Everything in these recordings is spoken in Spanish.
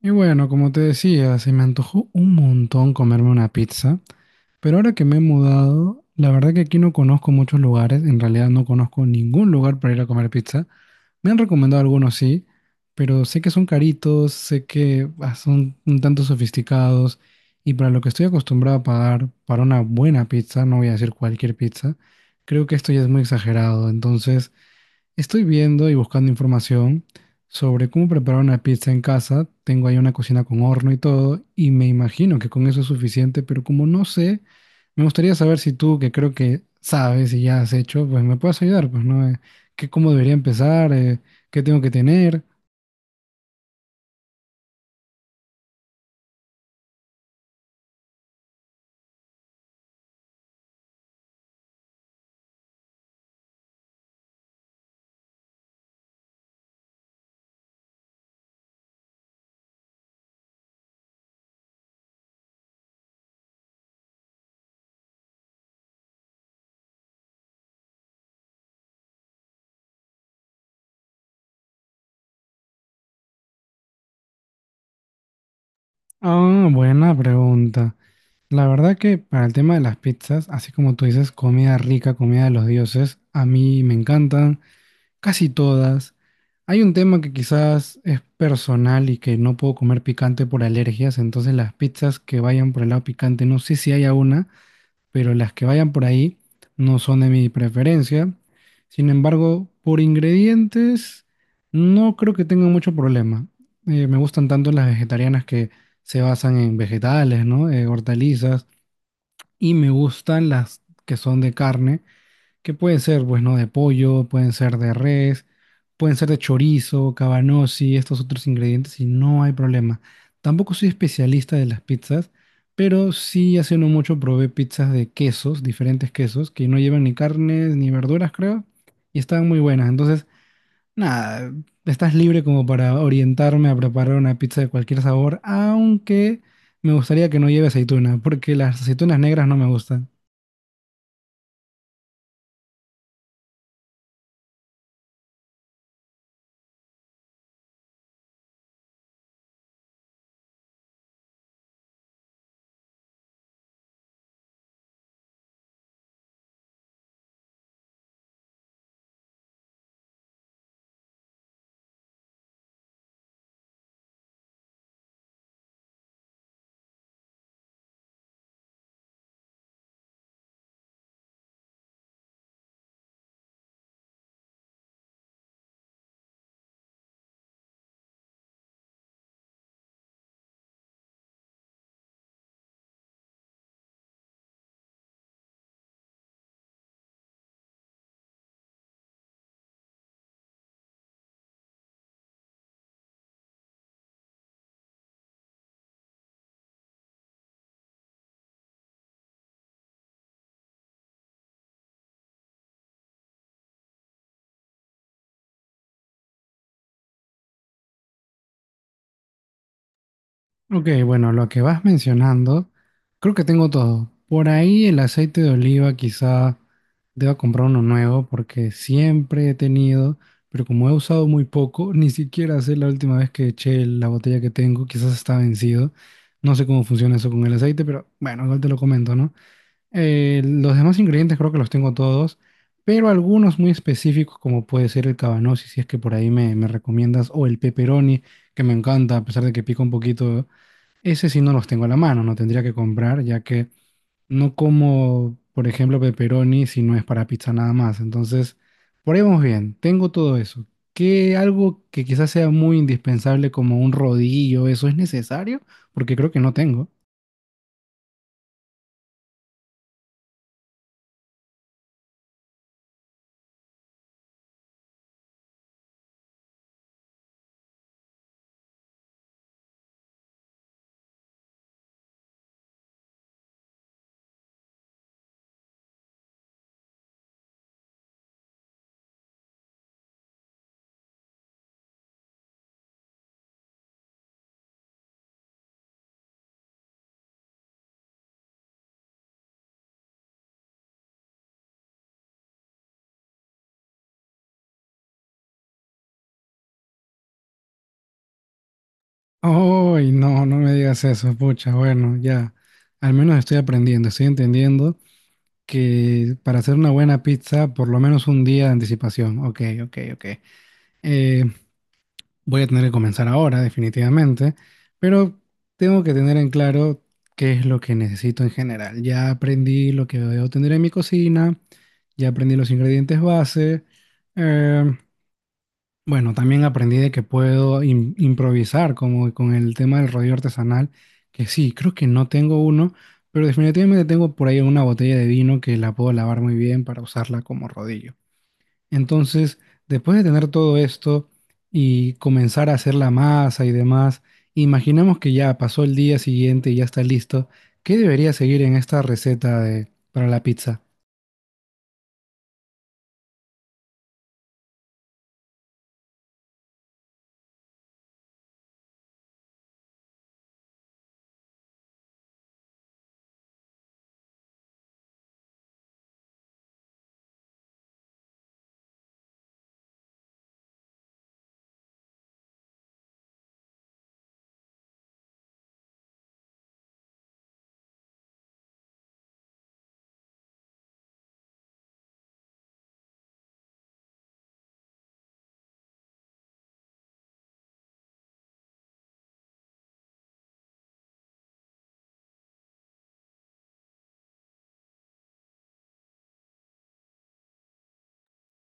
Y bueno, como te decía, se me antojó un montón comerme una pizza, pero ahora que me he mudado, la verdad que aquí no conozco muchos lugares, en realidad no conozco ningún lugar para ir a comer pizza. Me han recomendado algunos sí, pero sé que son caritos, sé que son un tanto sofisticados y para lo que estoy acostumbrado a pagar para una buena pizza, no voy a decir cualquier pizza, creo que esto ya es muy exagerado, entonces... Estoy viendo y buscando información sobre cómo preparar una pizza en casa. Tengo ahí una cocina con horno y todo, y me imagino que con eso es suficiente, pero como no sé, me gustaría saber si tú, que creo que sabes y ya has hecho, pues me puedes ayudar, pues, ¿no? ¿Qué, cómo debería empezar? ¿Qué tengo que tener? Ah, buena pregunta. La verdad que para el tema de las pizzas, así como tú dices, comida rica, comida de los dioses, a mí me encantan. Casi todas. Hay un tema que quizás es personal y que no puedo comer picante por alergias, entonces las pizzas que vayan por el lado picante, no sé si haya una, pero las que vayan por ahí no son de mi preferencia. Sin embargo, por ingredientes no creo que tenga mucho problema. Me gustan tanto las vegetarianas que se basan en vegetales, ¿no? Hortalizas, y me gustan las que son de carne que pueden ser, pues, ¿no? De pollo, pueden ser de res, pueden ser de chorizo, cabanossi, estos otros ingredientes y no hay problema. Tampoco soy especialista de las pizzas, pero sí hace no mucho probé pizzas de quesos, diferentes quesos, que no llevan ni carnes ni verduras, creo, y estaban muy buenas. Entonces, nada, estás libre como para orientarme a preparar una pizza de cualquier sabor, aunque me gustaría que no lleve aceituna, porque las aceitunas negras no me gustan. Ok, bueno, lo que vas mencionando, creo que tengo todo. Por ahí el aceite de oliva quizá deba comprar uno nuevo porque siempre he tenido, pero como he usado muy poco, ni siquiera sé la última vez que eché la botella que tengo, quizás está vencido. No sé cómo funciona eso con el aceite, pero bueno, igual te lo comento, ¿no? Los demás ingredientes creo que los tengo todos, pero algunos muy específicos como puede ser el cabanossi, si es que por ahí me recomiendas, o el pepperoni, que me encanta, a pesar de que pica un poquito. Ese sí no los tengo a la mano, no tendría que comprar, ya que no como, por ejemplo, pepperoni si no es para pizza nada más. Entonces, por ahí vamos bien, tengo todo eso. ¿Qué algo que quizás sea muy indispensable como un rodillo, eso es necesario? Porque creo que no tengo. Ay, no, no me digas eso, pucha, bueno, ya. Al menos estoy aprendiendo, estoy entendiendo que para hacer una buena pizza, por lo menos un día de anticipación. Ok, ok, ok. Eh, voy a tener que comenzar ahora, definitivamente, pero tengo que tener en claro qué es lo que necesito en general. Ya aprendí lo que debo tener en mi cocina, ya aprendí los ingredientes base. eh, bueno, también aprendí de que puedo improvisar, como con el tema del rodillo artesanal, que sí, creo que no tengo uno, pero definitivamente tengo por ahí una botella de vino que la puedo lavar muy bien para usarla como rodillo. Entonces, después de tener todo esto y comenzar a hacer la masa y demás, imaginemos que ya pasó el día siguiente y ya está listo. ¿Qué debería seguir en esta receta de, para la pizza?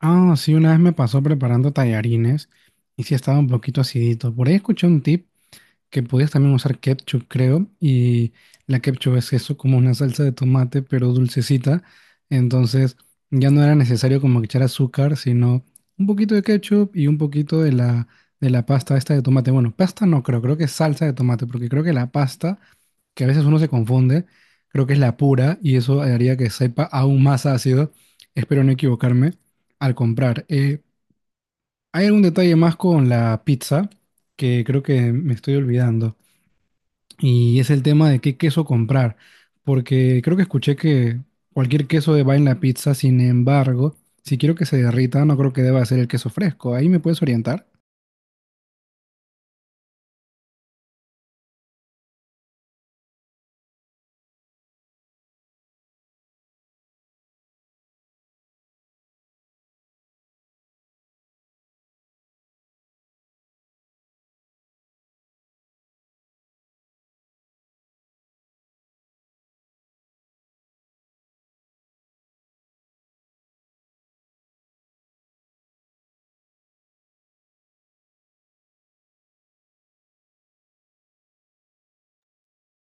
Ah, sí, una vez me pasó preparando tallarines y sí estaba un poquito acidito. Por ahí escuché un tip que podías también usar ketchup, creo, y la ketchup es eso, como una salsa de tomate, pero dulcecita, entonces ya no era necesario como echar azúcar, sino un poquito de ketchup y un poquito de la pasta esta de tomate. Bueno, pasta no creo, creo que es salsa de tomate, porque creo que la pasta, que a veces uno se confunde, creo que es la pura, y eso haría que sepa aún más ácido, espero no equivocarme, al comprar. Hay algún detalle más con la pizza que creo que me estoy olvidando. Y es el tema de qué queso comprar, porque creo que escuché que cualquier queso va en la pizza, sin embargo, si quiero que se derrita, no creo que deba ser el queso fresco. ¿Ahí me puedes orientar?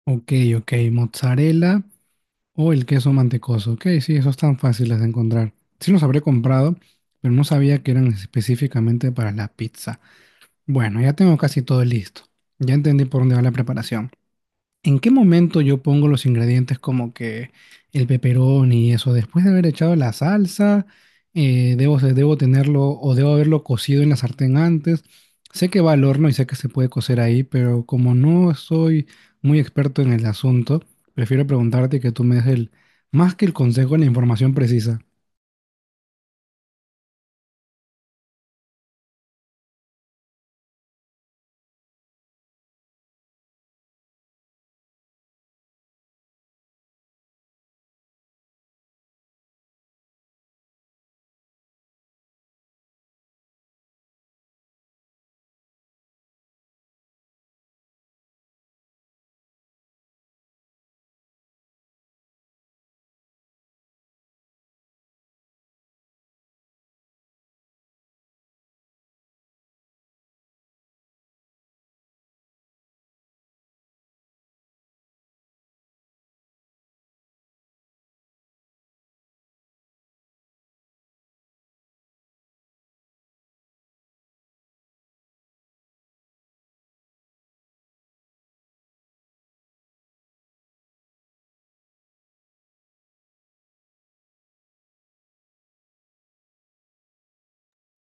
Ok, ok, mozzarella o el queso mantecoso. Ok, sí, esos tan fáciles de encontrar. Sí los habré comprado, pero no sabía que eran específicamente para la pizza. Bueno, ya tengo casi todo listo. Ya entendí por dónde va la preparación. ¿En qué momento yo pongo los ingredientes como que el peperón y eso? Después de haber echado la salsa, debo tenerlo o debo haberlo cocido en la sartén antes. Sé que va al horno y sé que se puede cocer ahí, pero como no soy muy experto en el asunto, prefiero preguntarte y que tú me des el, más que el consejo, la información precisa.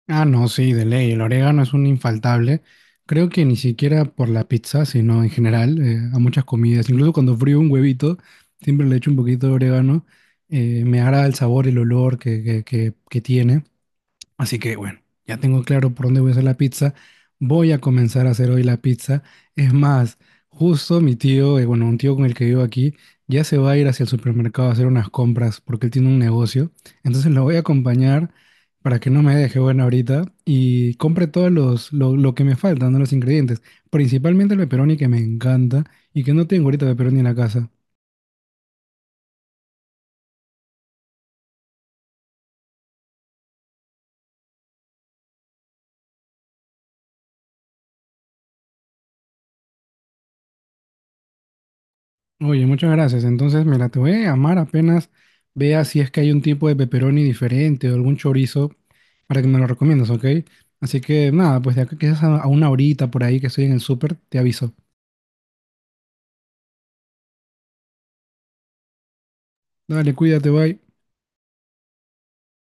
Ah, no, sí, de ley. El orégano es un infaltable. Creo que ni siquiera por la pizza, sino en general, a muchas comidas. Incluso cuando frío un huevito, siempre le echo un poquito de orégano. Me agrada el sabor, el olor que tiene. Así que bueno, ya tengo claro por dónde voy a hacer la pizza. Voy a comenzar a hacer hoy la pizza. Es más, justo mi tío, bueno, un tío con el que vivo aquí, ya se va a ir hacia el supermercado a hacer unas compras porque él tiene un negocio. Entonces lo voy a acompañar para que no me deje bueno ahorita y compre todos lo que me faltan, ¿no? Los ingredientes. Principalmente el pepperoni que me encanta y que no tengo ahorita pepperoni en la casa. Oye, muchas gracias. Entonces, mira, te voy a llamar apenas vea si es que hay un tipo de pepperoni diferente o algún chorizo para que me lo recomiendas, ¿ok? Así que nada, pues de acá quizás a una horita por ahí que estoy en el súper, te aviso. Dale, cuídate, bye.